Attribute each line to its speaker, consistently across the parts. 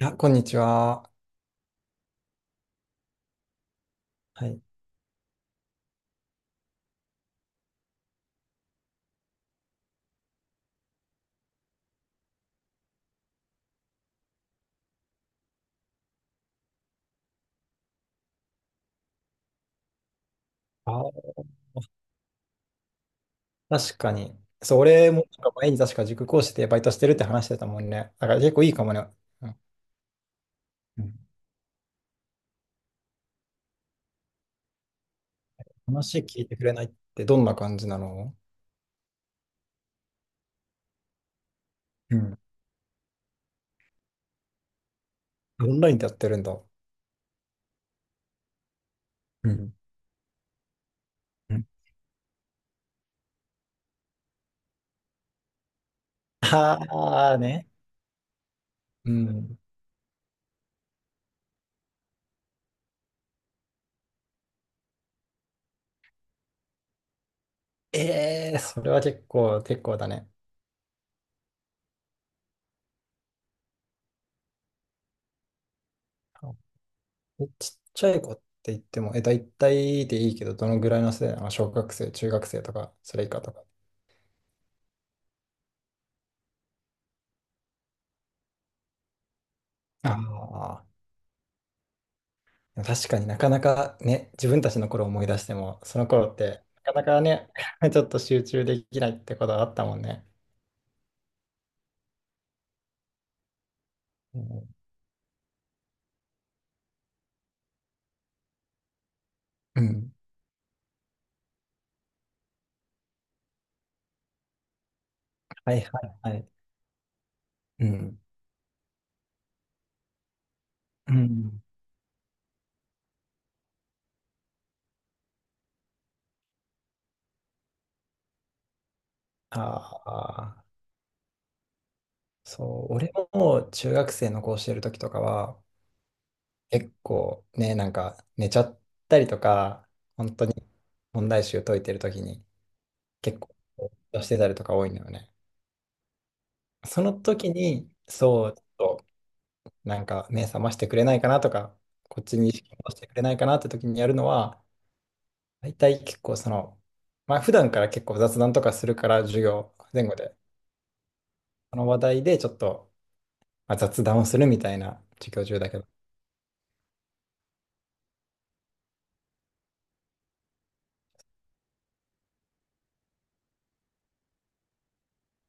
Speaker 1: いや、こんにちは。はい。あ、確かに。そう、俺もなんか前に確か塾講師でバイトしてるって話してたもんね。だから結構いいかもね。うん。うん。話聞いてくれないってどんな感じなの？うん。オンラインでやってるんだ。うん。うん。ああね。うん。ええ、それは結構、結構だね。あ、えちっちゃい子って言っても、え、大体でいいけど、どのぐらいの世代なの？小学生、中学生とか、それ以下とか。ああ。確かになかなかね、自分たちの頃を思い出しても、その頃って、なかなかね、ちょっと集中できないってことはあったもんね。うん。うん。はいはいはい。うん。うん。ああ、そう、俺も中学生の子をしてる時とかは、結構ね、なんか寝ちゃったりとか、本当問題集解いてる時に結構出してたりとか多いんだよね。その時に、そう、ちょっなんか目覚ましてくれないかなとか、こっちに意識を戻してくれないかなって時にやるのは、大体結構その、まあ普段から結構雑談とかするから、授業前後で、その話題でちょっと、まあ、雑談をするみたいな授業中だけど。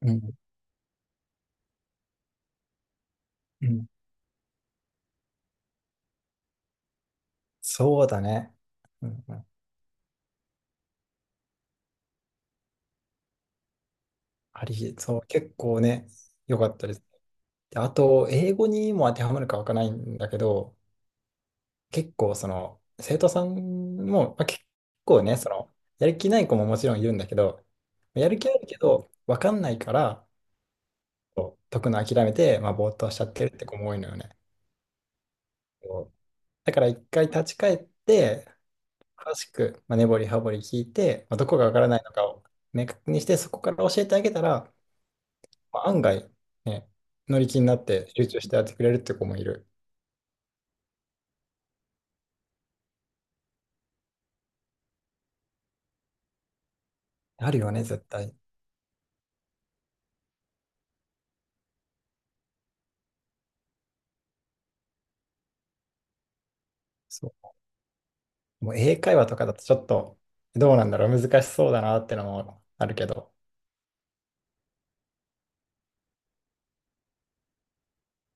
Speaker 1: うん、うん。そうだね。うん。うん。あり、そう、結構ね、良かったです。であと、英語にも当てはまるかわからないんだけど、結構その生徒さんも、まあ、結構ね、そのやる気ない子ももちろんいるんだけど、やる気あるけど分かんないからこう解くの諦めて、まあ、ぼーっとしちゃってるって子も多いのよね。こうだから一回立ち返って詳しく、まあ、根掘り葉掘り聞いて、まあ、どこが分からないのかを明確にしてそこから教えてあげたら、まあ、案外、ね、乗り気になって集中してやってくれるって子もいる。あるよね、絶対。そう、もう英会話とかだとちょっとどうなんだろう、難しそうだなってのもあるけど。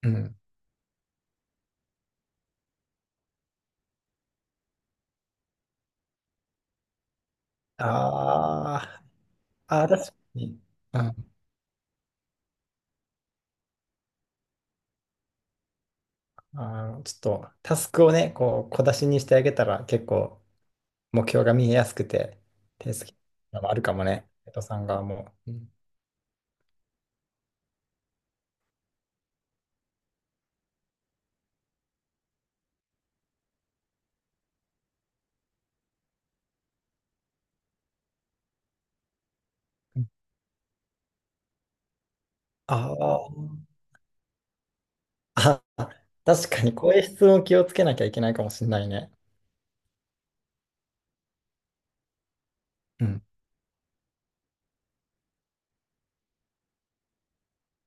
Speaker 1: うん。あー、あー、確かに。うん、あの、ちょっとタスクをね、こう小出しにしてあげたら結構目標が見えやすくて、手つきのもあるかもね、江戸さんがもう。うん。うん。あー、あ、確かにこういう質問気をつけなきゃいけないかもしれないね。うん。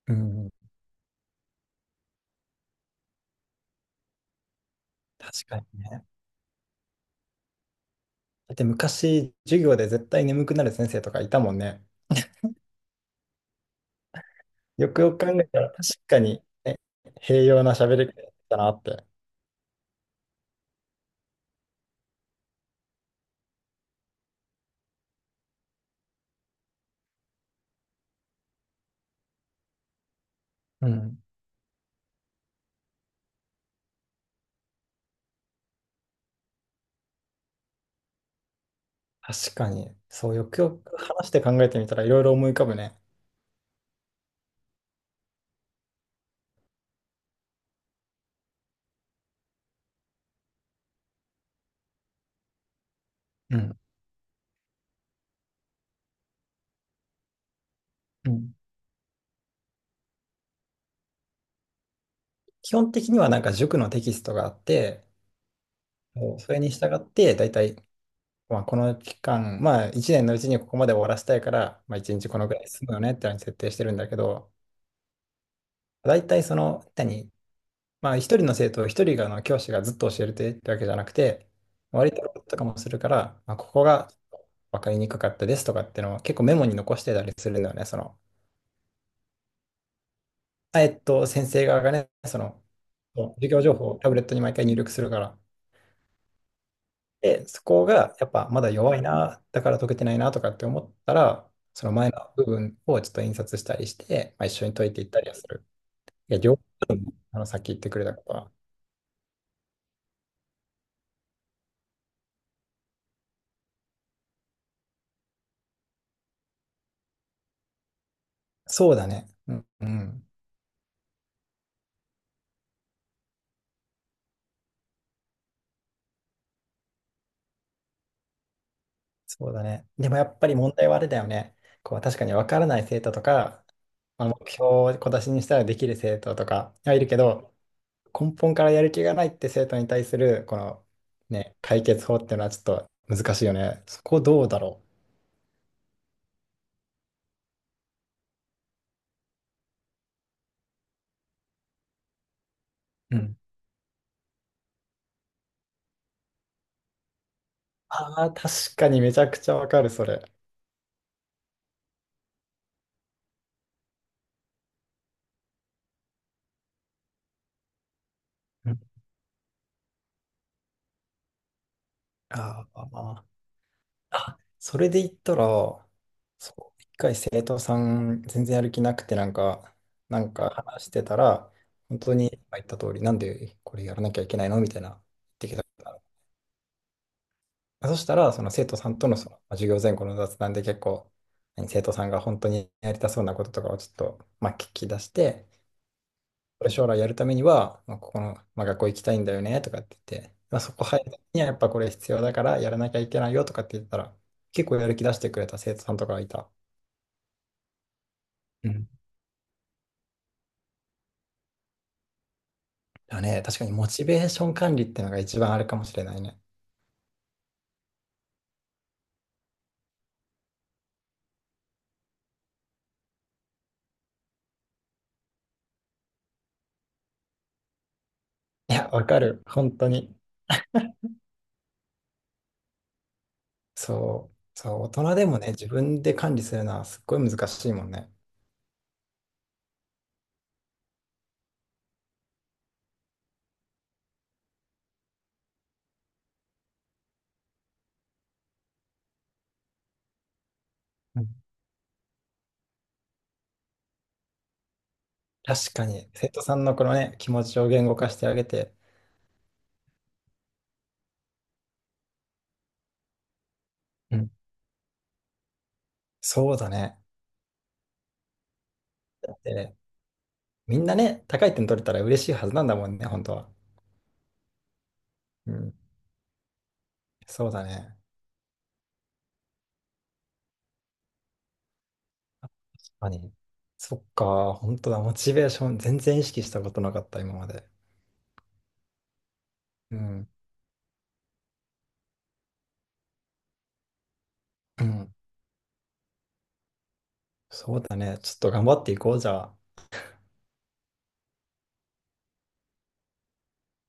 Speaker 1: うん、確かにね。だって昔授業で絶対眠くなる先生とかいたもんね。よくよく考えたら、確かに、ね、平洋な喋り方だったなって。うん。確かに、そう、よくよく話して考えてみたらいろいろ思い浮かぶね。うん。うん。基本的にはなんか塾のテキストがあって、もうそれに従って、だいたい、まあ、この期間、まあ1年のうちにここまで終わらせたいから、まあ1日このぐらい進むよねってのに設定してるんだけど、だいたいその、何、まあ、一人があの教師がずっと教えてってわけじゃなくて、割ととかもするから、まあ、ここが分かりにくかったですとかっていうのを結構メモに残してたりするんだよね。その、あ、えっと、先生側がね、その、もう授業情報をタブレットに毎回入力するから。で、そこがやっぱまだ弱いな、だから解けてないなとかって思ったら、その前の部分をちょっと印刷したりして、まあ、一緒に解いていったりはする。いや、両方、あのさっき言ってくれたことは。そうだね。うん、うん。そうだね。でもやっぱり問題はあれだよね。こう確かに分からない生徒とか、まあ、目標を小出しにしたらできる生徒とかはいるけど、根本からやる気がないって生徒に対するこの、ね、解決法っていうのはちょっと難しいよね。そこどうだろう。うん。ああ、確かにめちゃくちゃ分かる、それ。うん。ああ、あ、それで言ったら、そう、一回生徒さん全然やる気なくてなんか、なんか話してたら、本当に今言った通り、なんでこれやらなきゃいけないのみたいな言ってきたの。そしたら、その生徒さんとの、そのまあ授業前後の雑談で結構、何生徒さんが本当にやりたそうなこととかをちょっと、まあ、聞き出して、これ将来やるためには、まあ、ここの、まあ、学校行きたいんだよねとかって言って、まあ、そこ入るにはやっぱこれ必要だからやらなきゃいけないよとかって言ったら、結構やる気出してくれた生徒さんとかがいた。うん。だね、確かにモチベーション管理ってのが一番あれかもしれないね。いや、わかる。本当に。そう。そう、大人でもね、自分で管理するのはすっごい難しいもんね。うん。確かに、生徒さんのこのね、気持ちを言語化してあげて、うん。そうだね。だってみんなね、高い点取れたら嬉しいはずなんだもんね、本当は。うん。そうだね。確かに。そっか、本当だ。モチベーション全然意識したことなかった、今まで。うん。うん。そうだね。ちょっと頑張っていこう、じゃあ。